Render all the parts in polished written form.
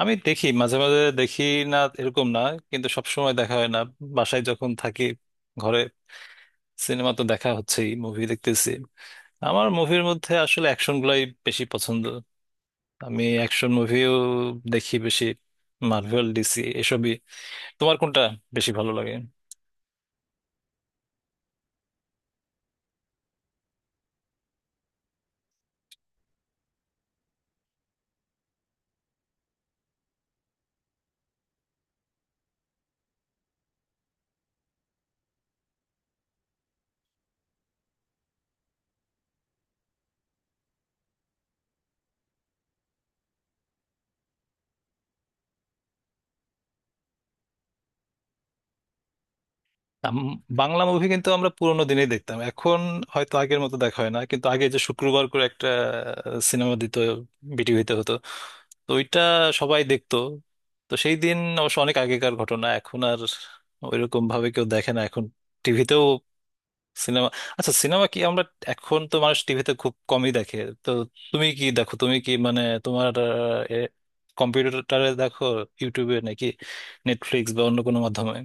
আমি দেখি মাঝে মাঝে দেখি, না এরকম না, কিন্তু সব সময় দেখা হয় না। বাসায় যখন থাকি ঘরে সিনেমা তো দেখা হচ্ছেই, মুভি দেখতেছি। আমার মুভির মধ্যে আসলে অ্যাকশন গুলাই বেশি পছন্দ। আমি অ্যাকশন মুভিও দেখি বেশি, মার্ভেল, ডিসি এসবই। তোমার কোনটা বেশি ভালো লাগে? আম, বাংলা মুভি কিন্তু আমরা পুরোনো দিনেই দেখতাম, এখন হয়তো আগের মতো দেখা হয় না। কিন্তু আগে যে শুক্রবার করে একটা সিনেমা দিত, বিটিভিতে হতো, তো ওইটা সবাই দেখতো। তো সেই দিন অবশ্য অনেক আগেকার ঘটনা, এখন আর ওইরকম ভাবে কেউ দেখে না এখন, টিভিতেও সিনেমা। আচ্ছা, সিনেমা কি আমরা, এখন তো মানুষ টিভিতে খুব কমই দেখে, তো তুমি কি দেখো, তুমি কি মানে তোমার কম্পিউটারে দেখো, ইউটিউবে নাকি নেটফ্লিক্স বা অন্য কোনো মাধ্যমে?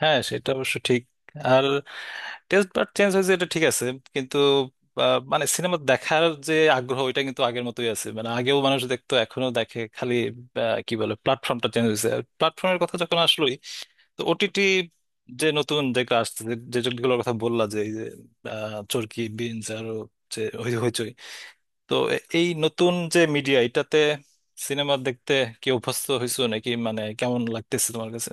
হ্যাঁ, সেটা অবশ্য ঠিক। আর টেস্ট বার চেঞ্জ হয়েছে, এটা ঠিক আছে, কিন্তু মানে সিনেমা দেখার যে আগ্রহ ওইটা কিন্তু আগের মতোই আছে, মানে আগেও মানুষ দেখতো এখনো দেখে, খালি কি বলে প্ল্যাটফর্মটা চেঞ্জ হয়েছে। প্ল্যাটফর্মের কথা যখন আসলোই, তো ওটিটি যে নতুন যেগুলো আসছে, যে যেগুলোর কথা বললা, যে এই যে চরকি, বিনস, আরো যে হইচই, তো এই নতুন যে মিডিয়া, এটাতে সিনেমা দেখতে কি অভ্যস্ত হয়েছো নাকি, মানে কেমন লাগতেছে তোমার কাছে?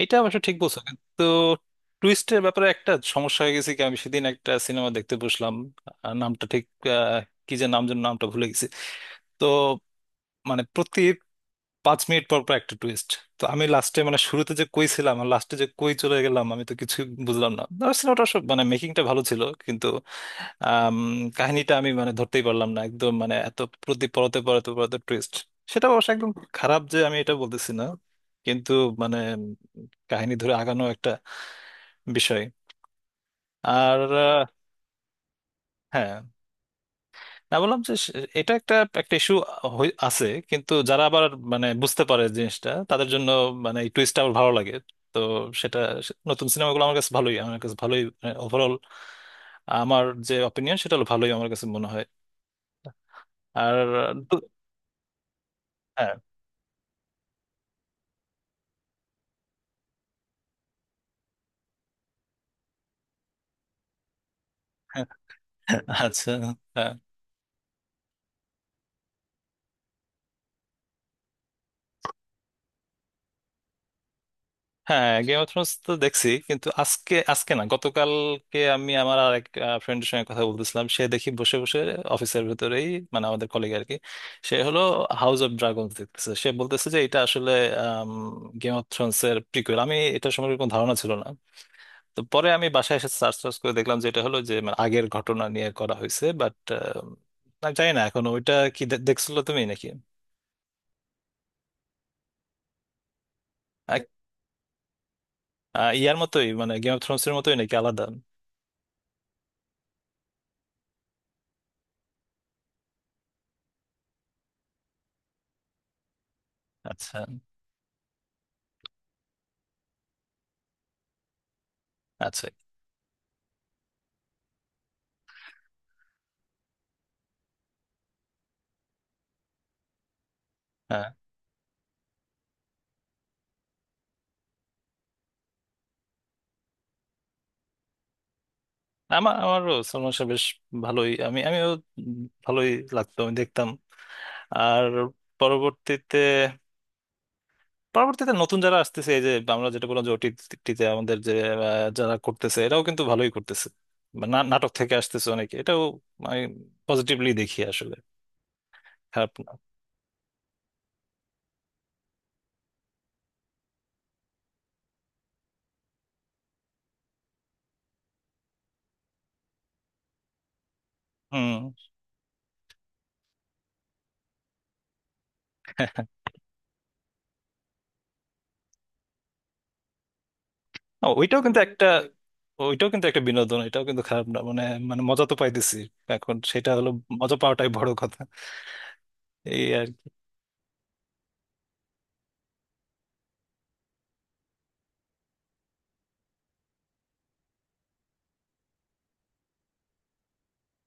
এটা অবশ্য ঠিক বলছো, কিন্তু টুইস্টের ব্যাপারে একটা সমস্যা হয়ে গেছে। কি, আমি সেদিন একটা সিনেমা দেখতে বসলাম, নামটা ঠিক আহ, কি যে নাম যেন, নামটা ভুলে গেছি, তো মানে প্রতি 5 মিনিট পর পর একটা টুইস্ট। তো আমি লাস্টে, মানে শুরুতে যে কই ছিলাম আর লাস্টে যে কই চলে গেলাম, আমি তো কিছু বুঝলাম না। আর সিনেমাটা সব, মানে মেকিংটা ভালো ছিল, কিন্তু আম, কাহিনীটা আমি মানে ধরতেই পারলাম না একদম, মানে এত প্রতি পরতে পরতে পরতে টুইস্ট। সেটা অবশ্য একদম খারাপ যে আমি এটা বলতেছি না, কিন্তু মানে কাহিনী ধরে আগানো একটা বিষয়। আর হ্যাঁ, না বললাম যে এটা একটা, একটা ইস্যু আছে, কিন্তু যারা আবার মানে বুঝতে পারে জিনিসটা, তাদের জন্য মানে এই টুইস্টটা আবার ভালো লাগে। তো সেটা, নতুন সিনেমাগুলো আমার কাছে ভালোই, আমার কাছে ভালোই। ওভারঅল আমার যে অপিনিয়ন সেটা হলো ভালোই, আমার কাছে মনে হয়। আর দু- হ্যাঁ, হ্যাঁ, আচ্ছা, হ্যাঁ, হ্যাঁ। গেম অফ থ্রোনস তো দেখছি, কিন্তু আজকে, আজকে না গতকালকে আমি আমার আর এক ফ্রেন্ডের সঙ্গে কথা বলতেছিলাম, সে দেখি বসে বসে অফিসের ভেতরেই, মানে আমাদের কলিগ আর কি, সে হলো হাউস অফ ড্রাগনস দেখতেছে। সে বলতেছে যে এটা আসলে গেম অফ থ্রোনস এর প্রিকুয়েল। আমি এটা সম্পর্কে কোনো ধারণা ছিল না, তো পরে আমি বাসায় এসে সার্চ টার্চ করে দেখলাম যে এটা হলো যে মানে আগের ঘটনা নিয়ে করা হয়েছে, বাট আমি জানি না এখন ওইটা কি, দেখছিল তুমি নাকি? আ- আ, ইয়ার মতোই, মানে গেম অফ থ্রোনস এর মতোই নাকি আলাদা? আচ্ছা, আচ্ছা। হ্যাঁ। আমার, আমারও সলমান শাহ বেশ ভালোই, আমিও ভালোই লাগতো, আমি দেখতাম। আর পরবর্তীতে পরবর্তীতে নতুন যারা আসতেছে, এই যে আমরা যেটা বললাম যে ওটিটিতে আমাদের যে যারা করতেছে, এরাও কিন্তু ভালোই করতেছে। বা নাটক থেকে আসতেছে অনেকে, এটাও আমি পজিটিভলি দেখি আসলে, খারাপ না। হুম। আ, ওইটাও কিন্তু একটা, ওইটাও কিন্তু একটা বিনোদন, এটাও কিন্তু খারাপ না, মানে মানে মজা তো পাইতেছি। এখন সেটা হলো, মজা পাওয়াটাই বড় কথা, এই আর কি।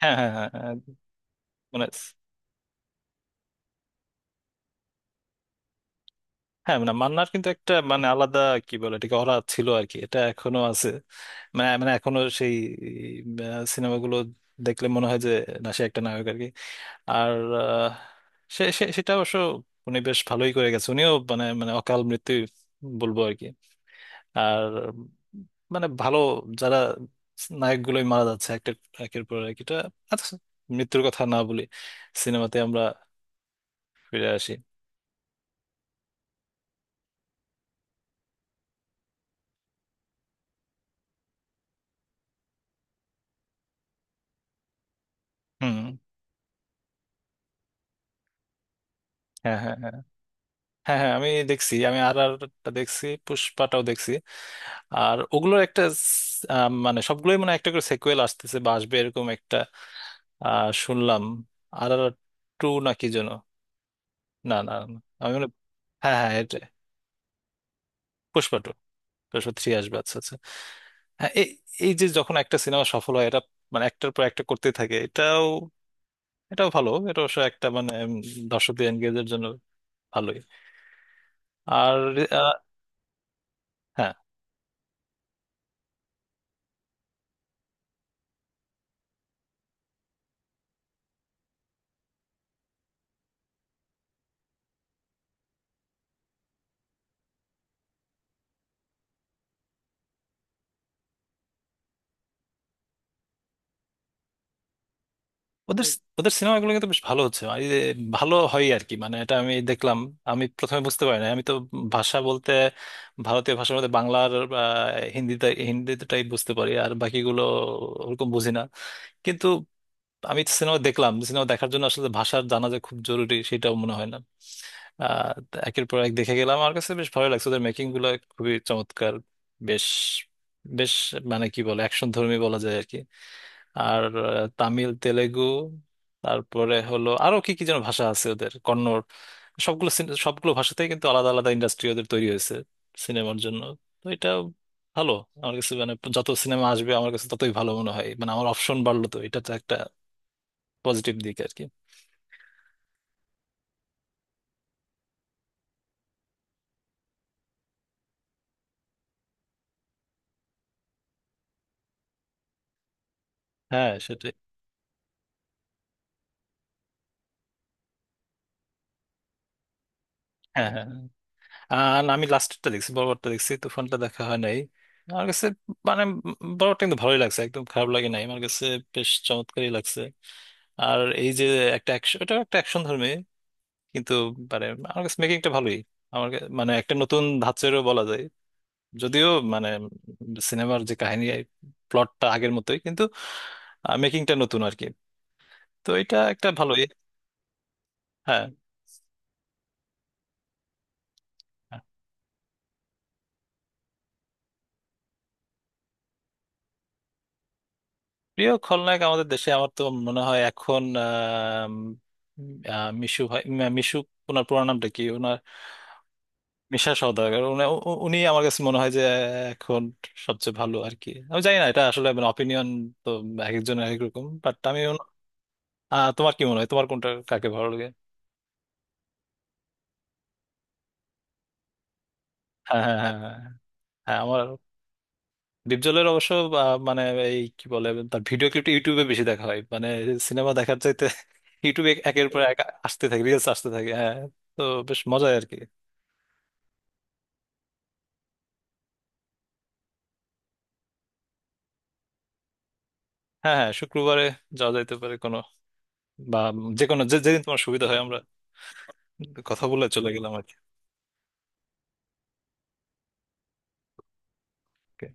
হ্যাঁ, হ্যাঁ, হ্যাঁ, হ্যাঁ, মানে হ্যাঁ, মানে মান্নার কিন্তু একটা মানে আলাদা, কি বলে এটাকে, অরা ছিল আর কি, এটা এখনো আছে। মানে মানে এখনো সেই সিনেমাগুলো দেখলে মনে হয় যে না, সে একটা নায়ক আর কি। আর আহ, সে সে সেটা অবশ্য, উনি বেশ ভালোই করে গেছে। উনিও মানে মানে অকাল মৃত্যু বলবো আর কি। আর মানে ভালো যারা নায়কগুলোই মারা যাচ্ছে একটা, একের পর এক এটা। আচ্ছা, মৃত্যুর কথা না বলি, সিনেমাতে আমরা ফিরে আসি। হুম। হ্যাঁ, হ্যাঁ, হ্যাঁ, হ্যাঁ। হ্যাঁ, আমি দেখছি, আমি আর আরটা দেখছি, পুষ্পাটাও দেখছি। আর ওগুলোর একটা মানে সবগুলোই মানে একটা করে সেকুয়েল আসতেছে বা আসবে, এরকম একটা শুনলাম। আর আর টু না কি যেন, না, না, না। আমি মানে হ্যাঁ, হ্যাঁ, এটা পুষ্পা টু, পুষ্পা থ্রি আসবে, আচ্ছা, আচ্ছা। হ্যাঁ, এই, এই যে যখন একটা সিনেমা সফল হয়, এটা মানে একটার পর একটা করতে থাকে, এটাও, এটাও ভালো। এটা অবশ্য একটা মানে দর্শকদের এনগেজের জন্য ভালোই। আর আহ, হ্যাঁ। ওদের ওদের সিনেমাগুলো কিন্তু বেশ ভালো হচ্ছে, আর এই যে ভালো হয় আর কি। মানে এটা আমি দেখলাম, আমি প্রথমে বুঝতে পারি না। আমি তো ভাষা বলতে, ভারতীয় ভাষার মধ্যে বাংলার বা হিন্দিতে, হিন্দিটাই বুঝতে পারি, আর বাকিগুলো ওরকম বুঝি না। কিন্তু আমি সিনেমা দেখলাম, সিনেমা দেখার জন্য আসলে ভাষার জানা যে খুব জরুরি সেটাও মনে হয় না। আহ, তো একের পর এক দেখে গেলাম, আমার কাছে বেশ ভালো লাগছে। ওদের মেকিং গুলো খুবই চমৎকার। বেশ, বেশ মানে কি বলে অ্যাকশন ধর্মী বলা যায় আর কি। আর তামিল, তেলেগু, তারপরে হলো আরো কি কি যেন ভাষা আছে ওদের, কন্নড়। সবগুলো ভাষাতেই কিন্তু আলাদা আলাদা ইন্ডাস্ট্রি ওদের তৈরি হয়েছে সিনেমার জন্য। তো এটা ভালো। আমার কাছে মানে যত সিনেমা আসবে আমার কাছে ততই ভালো মনে হয়, মানে আমার অপশন বাড়লো, তো এটা তো একটা পজিটিভ দিক আর কি। হ্যাঁ, সেটাই। হ্যাঁ, হ্যাঁ, হ্যাঁ। আর আমি লাস্টেরটা দেখছি, বড়বারটা দেখছি, তো ফোনটা দেখা হয় নাই আমার কাছে। মানে বড়টা কিন্তু ভালোই লাগছে, একদম খারাপ লাগে নাই আমার কাছে, বেশ চমৎকারই লাগছে। আর এই যে একটা ওটা একটা অ্যাকশন ধর্মী, কিন্তু মানে আমার কাছে মেকিংটা ভালোই। আমার কা-, মানে একটা নতুন ধাঁচেরও বলা যায়, যদিও মানে সিনেমার যে কাহিনী প্লটটা আগের মতোই, কিন্তু মেকিংটা নতুন আর কি। তো এটা একটা ভালোই। হ্যাঁ। প্রিয় খলনায়ক আমাদের দেশে, আমার তো মনে হয় এখন মিশু ভাই, মিশু, ওনার পুরো নামটা কি ওনার? মিশা সওদাগর, উনি, উনি আমার কাছে মনে হয় যে এখন সবচেয়ে ভালো আর কি। আমি জানি না, এটা আসলে মানে অপিনিয়ন, তো এক একজনের এক এক রকম, বাট আমি তোমার কি মনে হয়, তোমার কোনটা, কাকে ভালো লাগে? হ্যাঁ, হ্যাঁ, হ্যাঁ, হ্যাঁ, হ্যাঁ, আমার ডিপজলের অবশ্য মানে এই কি বলে, তার ভিডিও ক্লিপটা ইউটিউবে বেশি দেখা হয়, মানে সিনেমা দেখার চাইতে ইউটিউবে একের পর এক আসতে থাকে, রিলস আসতে থাকে, হ্যাঁ। তো বেশ মজাই আর কি। হ্যাঁ, হ্যাঁ, শুক্রবারে যাওয়া যাইতে পারে, কোনো বা যে কোনো, যেদিন তোমার সুবিধা হয় আমরা কথা বলে চলে গেলাম আর কি।